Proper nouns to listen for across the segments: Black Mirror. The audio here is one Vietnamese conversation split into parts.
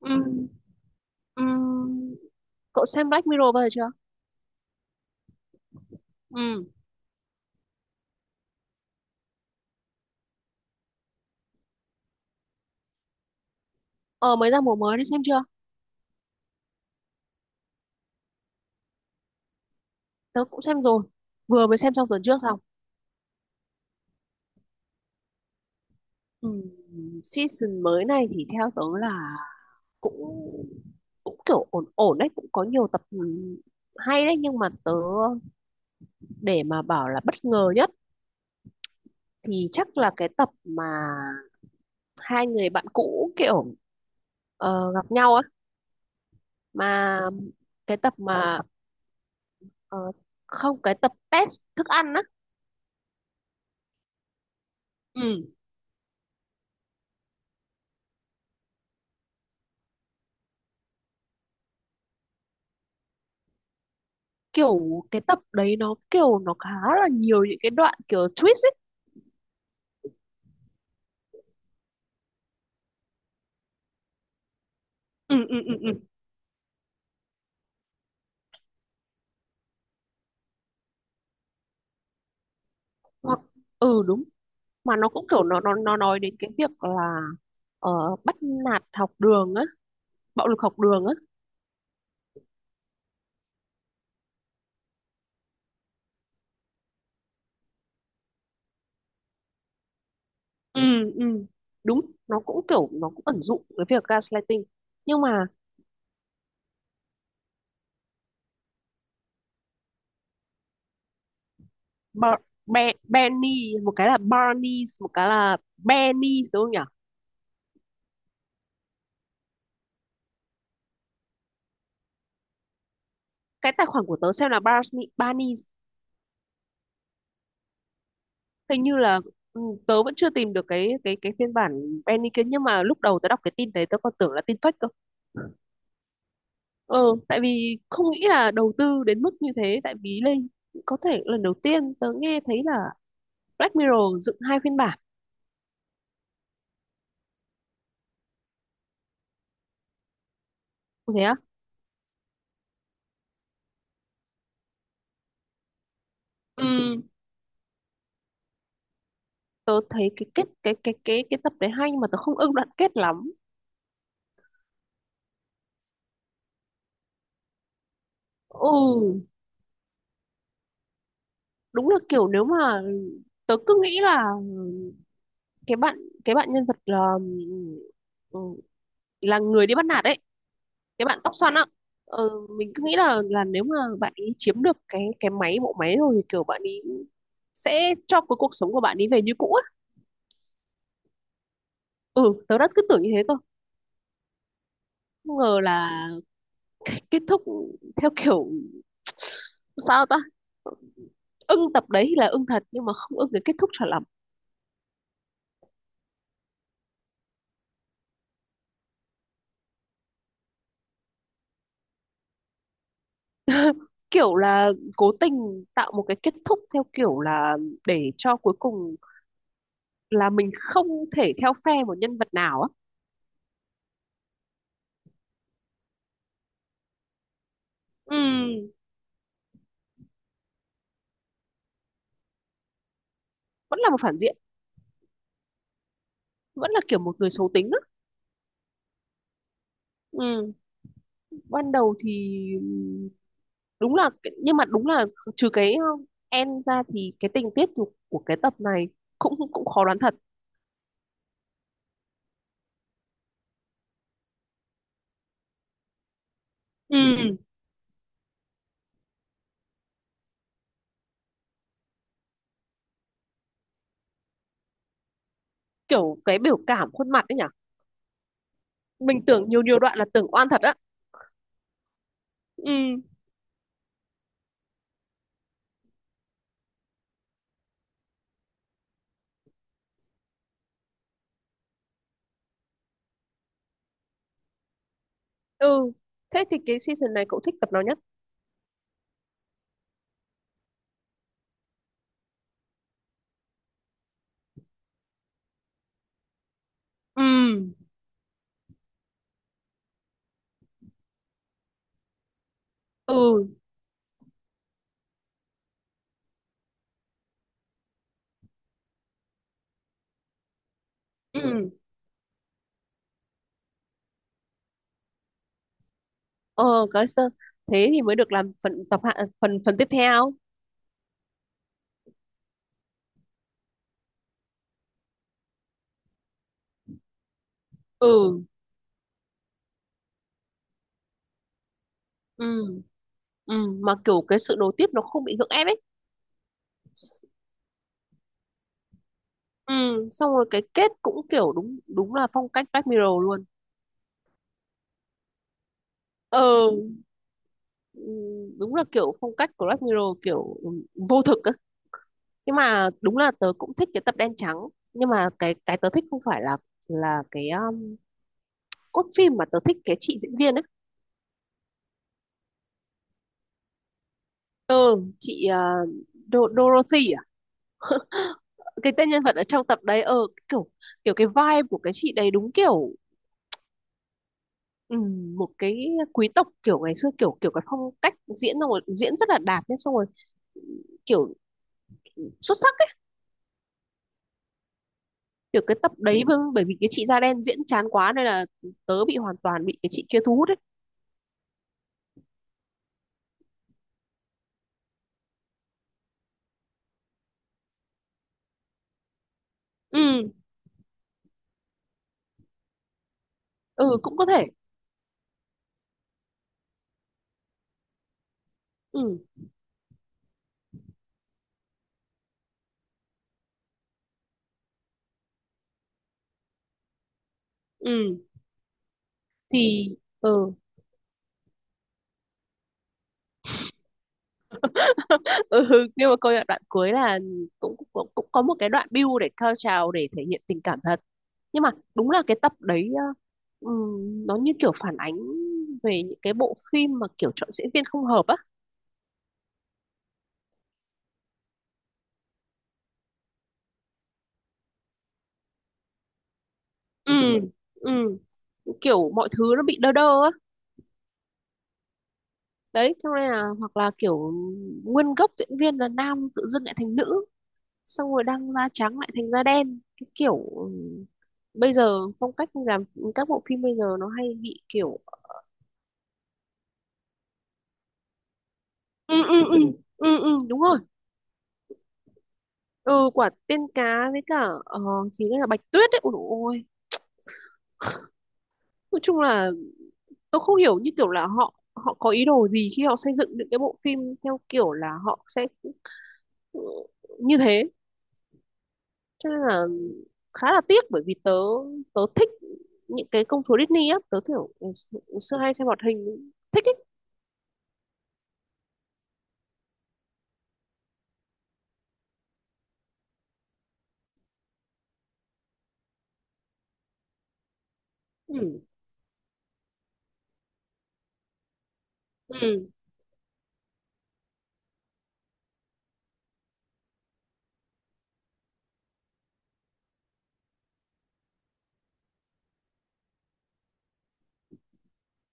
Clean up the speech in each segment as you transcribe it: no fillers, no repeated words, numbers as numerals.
Ừm, ừm, Cậu xem Black Mirror bao giờ chưa? Ừm, Ờ Mới ra mùa mới đi xem chưa? Tớ cũng xem rồi. Vừa mới xem xong tuần trước xong. Ừm, Season mới này thì theo tớ là cũng cũng kiểu ổn ổn đấy, cũng có nhiều tập hay đấy, nhưng mà tớ, để mà bảo là bất ngờ nhất thì chắc là cái tập mà hai người bạn cũ kiểu gặp nhau á. Mà cái tập mà ờ, không, cái tập test thức ăn á. Ừ. Kiểu cái tập đấy nó kiểu nó khá là nhiều những cái đoạn kiểu twist ấy. Ừ, ừ, ừ, ừ. hoặc ừ, đúng. Mà nó cũng kiểu nó nói đến cái việc là bắt nạt học đường á, bạo lực học đường á. Ừ, ừ, đúng. Nó cũng kiểu nó cũng ẩn dụ cái việc gaslighting, nhưng mà Bar Benny, một cái là Barney, một cái là Benny, đúng không nhỉ? Cái tài khoản của tớ xem là Barney Barney, hình như là. ừ, Tớ vẫn chưa tìm được cái phiên bản Penny kia, nhưng mà lúc đầu tớ đọc cái tin đấy tớ còn tưởng là tin fake cơ. Ờ. Tại vì không nghĩ là đầu tư đến mức như thế, tại vì lên, có thể lần đầu tiên tớ nghe thấy là Black Mirror dựng hai phiên bản. Có thế á? Ừ, tớ thấy cái kết cái tập đấy hay mà tớ không ưng đoạn kết lắm. Ừ, đúng là kiểu, nếu mà tớ cứ nghĩ là cái bạn cái bạn nhân vật là, ừ, là người đi bắt nạt ấy, cái bạn tóc xoăn á. ờ, mình cứ nghĩ là nếu mà bạn ấy chiếm được cái bộ máy rồi thì kiểu bạn ấy sẽ cho cái cuộc sống của bạn ấy về như cũ á. Ừ. Tớ đã cứ tưởng như thế cơ, không ngờ là kết thúc theo kiểu sao ta. Ưng tập đấy thì là ưng thật nhưng mà không ưng cái kết thúc cho lắm. Kiểu là cố tình tạo một cái kết thúc theo kiểu là để cho cuối cùng là mình không thể theo phe một nhân vật nào á. Ừ, vẫn là một phản diện, vẫn là kiểu một người xấu tính. Ừ. Ban đầu thì nhưng mà đúng là, trừ cái end ra thì cái tình tiết của cái tập này cũng cũng khó đoán thật. Ừ, kiểu cái biểu cảm khuôn mặt ấy nhỉ? Mình tưởng nhiều nhiều đoạn là tưởng oan thật á. Ừ, ừ. Thế thì cái season này cậu thích tập nào nhất? Ừ, ừ, ừ. Ờ, có sơ. Thế thì mới được làm phần tập hạ, phần phần tiếp theo. Ừ, ừ, ừ. Ừ, mà kiểu cái sự nối tiếp nó không bị gượng ép ấy. Ừ, xong rồi cái kết cũng kiểu đúng, đúng là phong cách Black Mirror luôn. Ờ. ừ, Đúng là kiểu phong cách của Black Mirror kiểu vô thực á, nhưng mà đúng là tớ cũng thích cái tập đen trắng. Nhưng mà cái tớ thích không phải là cái cốt phim, mà tớ thích cái chị diễn viên ấy. Ừ, chị Dorothy à, cái tên nhân vật ở trong tập đấy. Ờ kiểu kiểu cái vibe của cái chị đấy, đúng kiểu, ừ, một cái quý tộc kiểu ngày xưa kiểu kiểu cái phong cách diễn, xong rồi diễn rất là đạt nhé, xong rồi kiểu xuất sắc ấy. Được cái tập đấy bởi bởi vì cái chị da đen diễn chán quá nên là tớ bị, hoàn toàn bị cái chị kia thu hút ấy. Ừ, ừ, cũng có thể. Ừ, ừ thì ừ. Ừ, nhưng mà coi đoạn cuối là cũng cũng cũng có một cái đoạn build để cao trào để thể hiện tình cảm thật. Nhưng mà đúng là cái tập đấy nó như kiểu phản ánh về những cái bộ phim mà kiểu chọn diễn viên không hợp á. Ừ, ừ, kiểu mọi thứ nó bị đơ đơ á, đấy cho nên là, hoặc là kiểu, nguyên gốc diễn viên là nam tự dưng lại thành nữ, xong rồi đang da trắng lại thành da đen. Cái kiểu bây giờ phong cách làm các bộ phim bây giờ nó hay bị kiểu. Ừ, ừ, ừ, ừ, ừ, đúng rồi. Ừ, quả tiên cá, với cả chỉ là bạch tuyết đấy, ôi dồi ôi. Nói chung là tôi không hiểu như kiểu là họ họ có ý đồ gì khi họ xây dựng những cái bộ phim theo kiểu là họ sẽ, ừ, như thế. Cho nên là khá là tiếc bởi vì tớ tớ thích những cái công chúa Disney á, tớ kiểu ngày xưa hay xem hoạt hình thích ấy. Ừ. Ừ.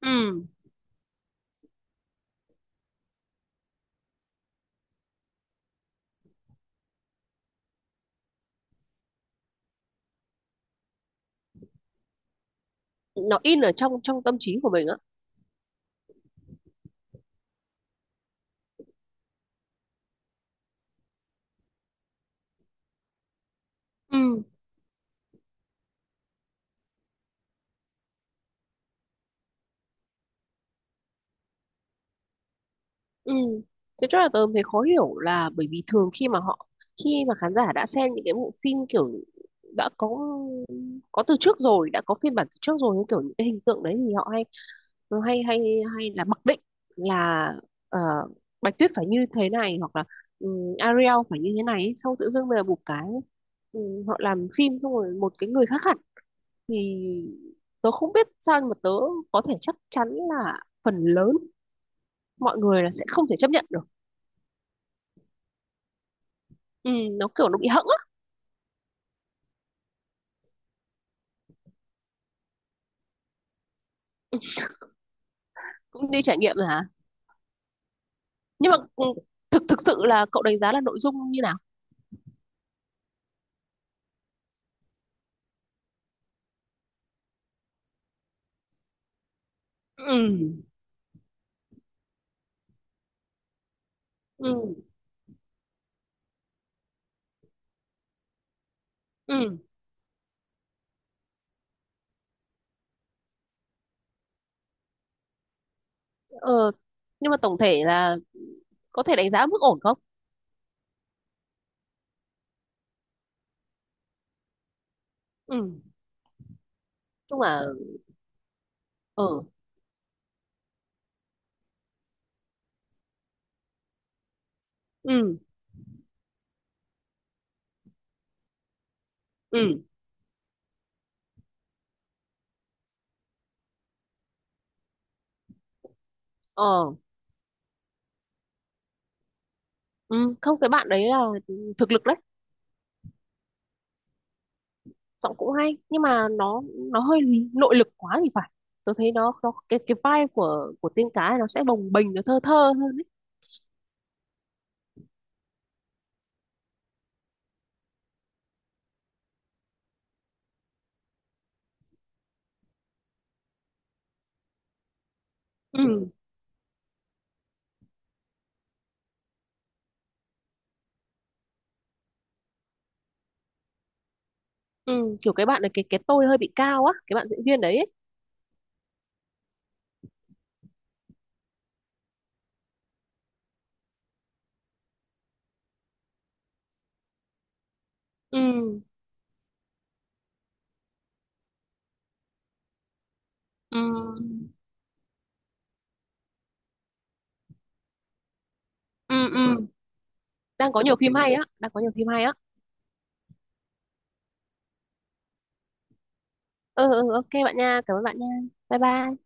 Ừ. Nó in ở trong trong tâm trí của mình á. Ừ. Ừ. Thế cho là tớ thấy khó hiểu là bởi vì thường khi mà họ, khi mà khán giả đã xem những cái bộ phim kiểu, đã có từ trước rồi, đã có phiên bản từ trước rồi, như kiểu những cái hình tượng đấy, thì họ hay nó hay hay hay là mặc định là ờ, Bạch Tuyết phải như thế này, hoặc là Ariel phải như thế này ấy. Xong tự dưng bây giờ một cái họ làm phim xong rồi một cái người khác hẳn, thì tớ không biết sao, nhưng mà tớ có thể chắc chắn là phần lớn mọi người là sẽ không thể chấp nhận được. Ừ, nó kiểu nó bị hẫng á. Cũng đi trải nghiệm rồi hả? Nhưng mà thực thực sự là cậu đánh giá là nội dung như nào? Ừ, ừ, ừ. Ờ, nhưng mà tổng thể là có thể đánh giá mức ổn không? Ừ, chung là. Ờ. Ừ, ừ. Ờ. Ừ. Không, cái bạn đấy là thực lực đấy. Giọng cũng hay, nhưng mà nó hơi nội lực quá thì phải. Tôi thấy nó cái vibe của tiên cá ấy, nó sẽ bồng bềnh, nó thơ thơ hơn ấy. Ừ, ừ, kiểu cái bạn này, cái tôi hơi bị cao á, cái bạn diễn viên đấy ấy. Ừ, ừ, ừ, ừ. Đang có nhiều phim hay á, đang có nhiều phim hay á. Ừ, ừ, ok bạn nha, cảm ơn bạn nha, bye bye.